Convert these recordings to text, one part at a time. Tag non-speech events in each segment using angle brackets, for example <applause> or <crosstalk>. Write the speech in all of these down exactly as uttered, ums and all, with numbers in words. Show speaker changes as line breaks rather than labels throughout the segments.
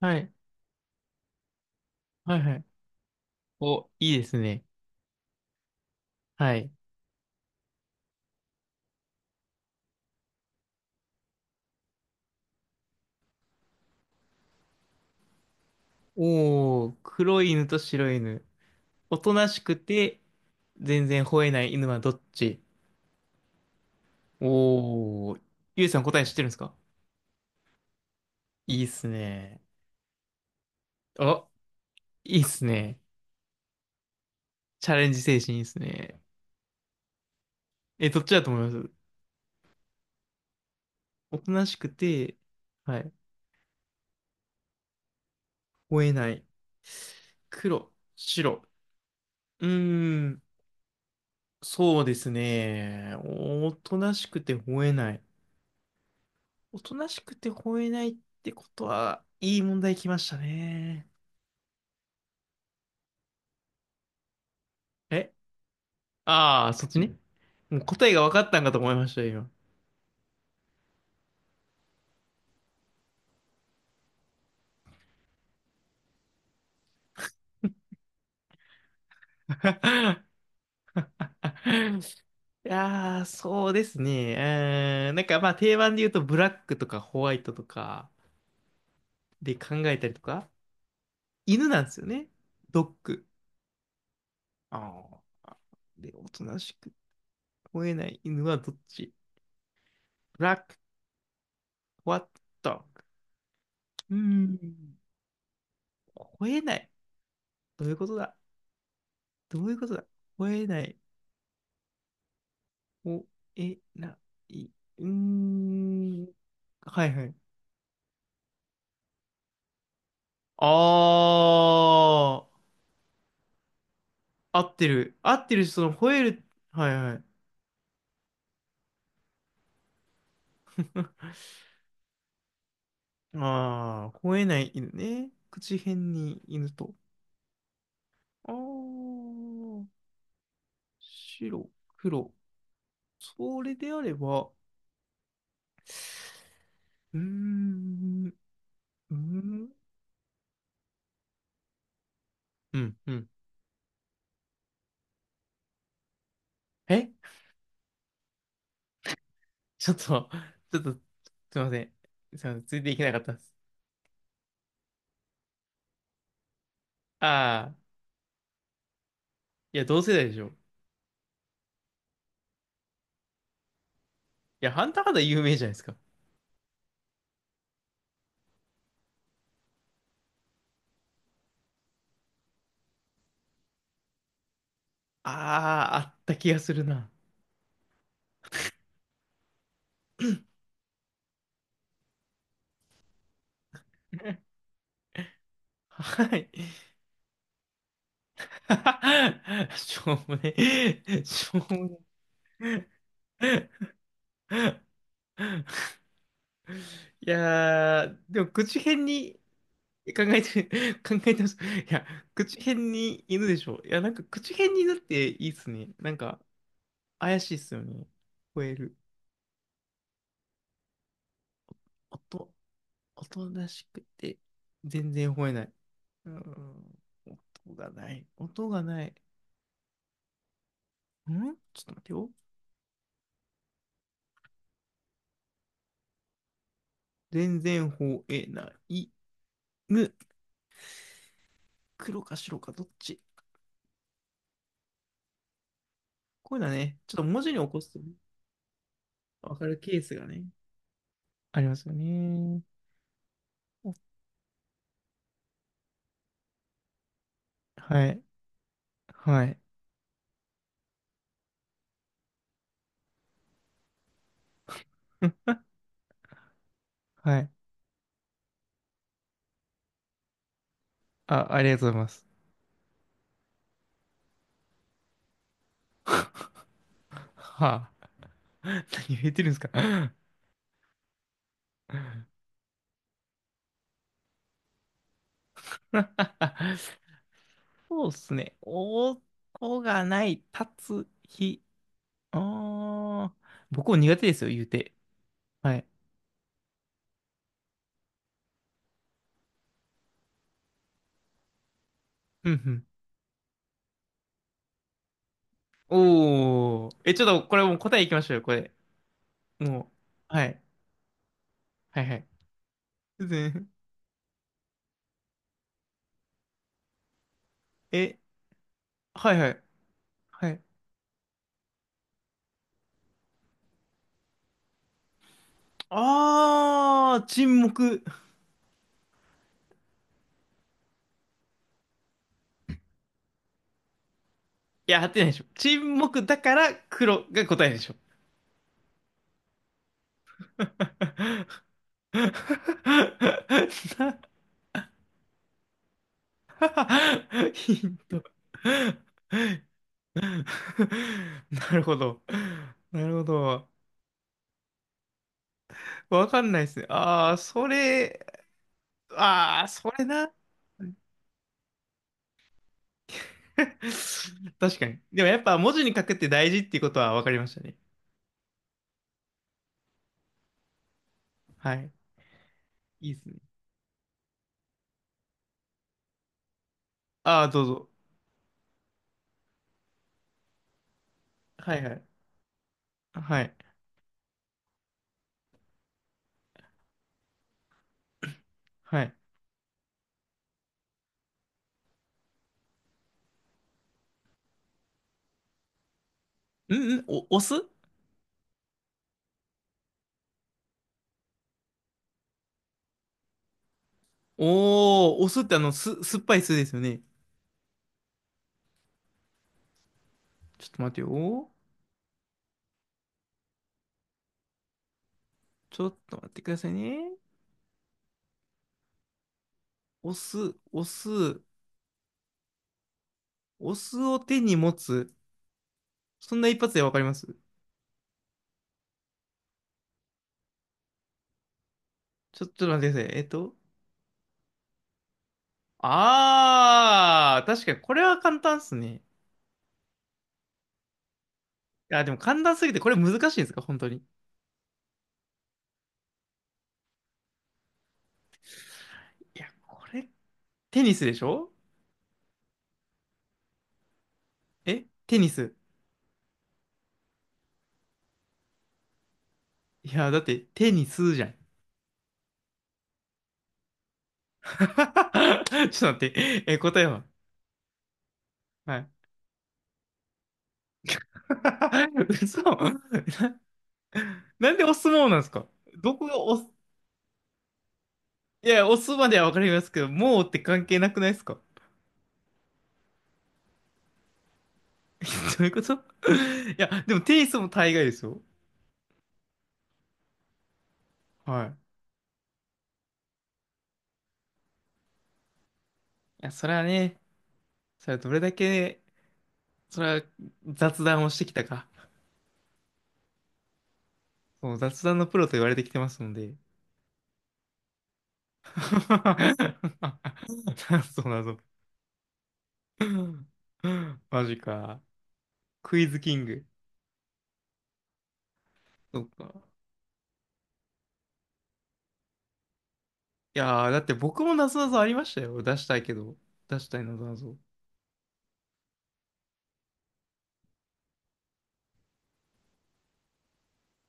はい。はいはい。お、いいですね。はい。おー、黒い犬と白い犬。おとなしくて、全然吠えない犬はどっち？おー、ゆうさん答え知ってるんですか？いいっすね。お、いいっすね。チャレンジ精神いいっすね。え、どっちだと思います？おとなしくて、はい。吠えない。黒、白。うーん、そうですね。おとなしくて吠えない。おとなしくて吠えないってことは、いい問題きましたね。え、ああー、そっちね。もう答えが分かったんかと思いましたよ、今。<laughs> いやー、そうですね。うーん、なんかまあ定番で言うとブラックとかホワイトとかで考えたりとか、犬なんですよね。ドッグ。ああ。で、おとなしく吠えない犬はどっち？ブラック、ホワット、ドッグ。うーん、吠えない。どういうことだ？どういうことだ？吠えない。吠え、な、い、うーん。はいはい。あー、合ってる。合ってるし、その吠える。はいはい。<laughs> あー、吠えない犬ね。口辺に犬と。あー、白、黒。それであれば、うーん、うーん、うん、うん。え <laughs> ちょっと、ちょっと、すいません。すいません。ついていけなかったです。あ、いや、同世代でしょ。いや、ハンターハンター有名じゃないですか。あー、あった気がするな。<laughs> はい。<laughs> しょうもね。しょうもね。いやー、でも、口変に考えて、<laughs> 考えてます。いや、口変に犬でしょ。いや、なんか、口変に犬っていいっすね。なんか、怪しいっすよね。吠える。音、音らしくて、全然吠えない。うん。音がない。音がない。んちょっと待ってよ。全然吠えない。む。黒か白かどっち？こういうのはね、ちょっと文字に起こすとね、わかるケースがね、ありますよね。お、はい。はい。うん、はい。あ、ありがとうございます。はあ。<laughs> 何言ってるんですか？ <laughs> そうっすね。音がない、立つ日。ああ。僕も苦手ですよ、言うて。はい。うんうん、おー。え、ちょっとこれもう答えいきましょうよ、これ。もう。はい。はいはい。全然、え、はいはい。はい。あー、沈黙。いや、合ってないでしょ。沈黙だから黒が答えでしょ。<laughs> ヒント。なるほど。なるほど。わかんないですね。ああ、それ、ああ、それな。<laughs> 確かに。でもやっぱ文字に書くって大事っていうことは分かりましたね。はい。いいですね。ああ、どうぞ。はいはい。はい。はい。うんうん。お、お酢、おー、お酢ってあの、す、酸っぱい酢ですよね。ちょっと待ってよ。ちょっと待ってくださいね。お酢、お酢、お酢を手に持つ。そんな一発で分かります？ちょ、ちょっと待ってください。えっと。ああ、確かにこれは簡単っすね。あ、でも簡単すぎてこれ難しいんですか本当に。いや、これ、テニスでしょ？え、テニス。いや、だってテニスじゃん。<laughs> ちょっと待って。え、答えは？はい。<laughs> 嘘な、<laughs> なんでお相撲なんですか？どこがお、いや、お相撲まではわかりますけど、もうって関係なくないですか？ <laughs> どういうこと？ <laughs> いや、でもテニスも大概ですよ。はい。いや、それはね、それはどれだけね、それは雑談をしてきたか。そう、雑談のプロと言われてきてますので。<laughs> そうなの。<laughs> マジか。クイズキング。そっか。いやー、だって僕もなぞなぞありましたよ。出したいけど。出したいなぞなぞ。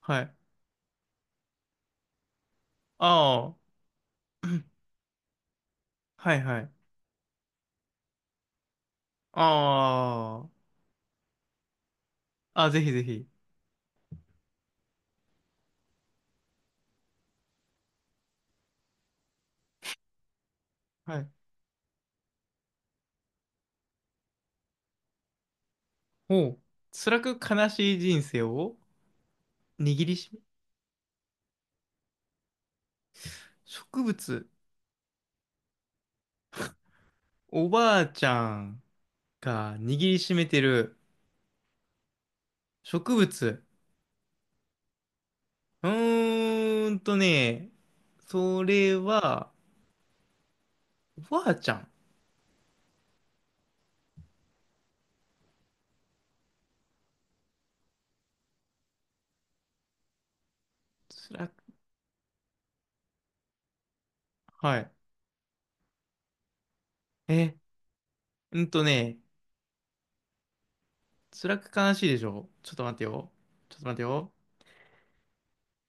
はい。ああ。<clears throat> はいはい。ああ。あ、ぜひぜひ。はい。ほう。辛く悲しい人生を握りしめ、植物。おばあちゃんが握りしめてる植物。うーんとね、それは、おばあちゃん。辛く、はい。え、うんとね、辛く悲しいでしょ？ちょっと待ってよ。ちょっと待ってよ。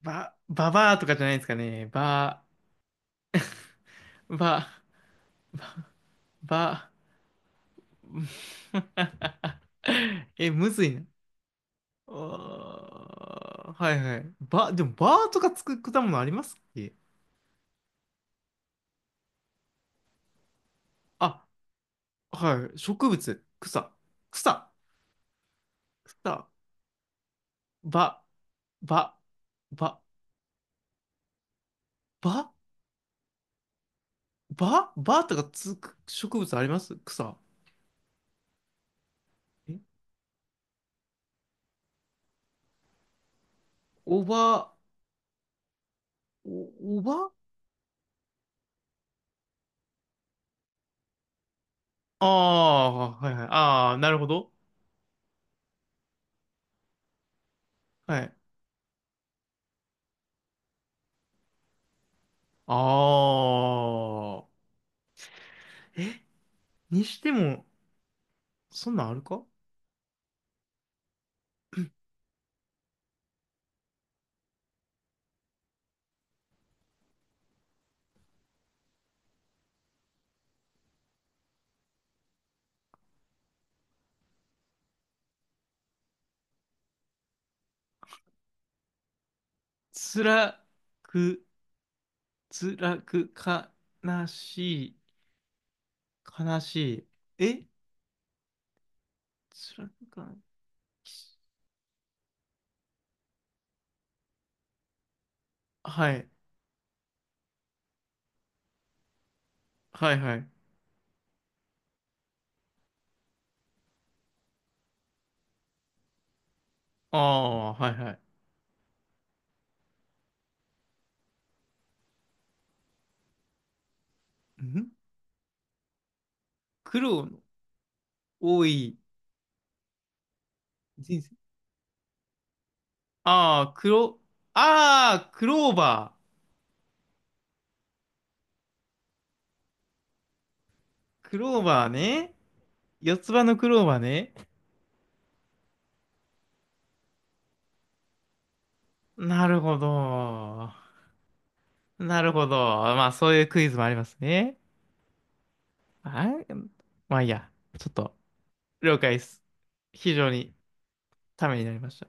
ば、ばばーとかじゃないですかね。ば、ば、ば、<laughs> え、むずいな。あー、はいはい。ば、でもばーとかつく果物ありますっけ？あ、はい。植物、草、草、草、ば、ば、ば、ば、ば、ばとかつく植物あります？草。え、おば、お、おば、ああ、はいはい。ああ、なるほど。はい。ああ。にしても、そんなんあるか？辛く、辛く、悲しい、悲しい。え、辛くか、はい、はいはい。ああ、はいはい。ん苦労の多い人生。ああ、黒、ああ、クローバー。クローバーね。四つ葉のクローバーね。なるほど。なるほど。まあ、そういうクイズもありますね。あ、まあ、いいや。ちょっと、了解です。非常にためになりました。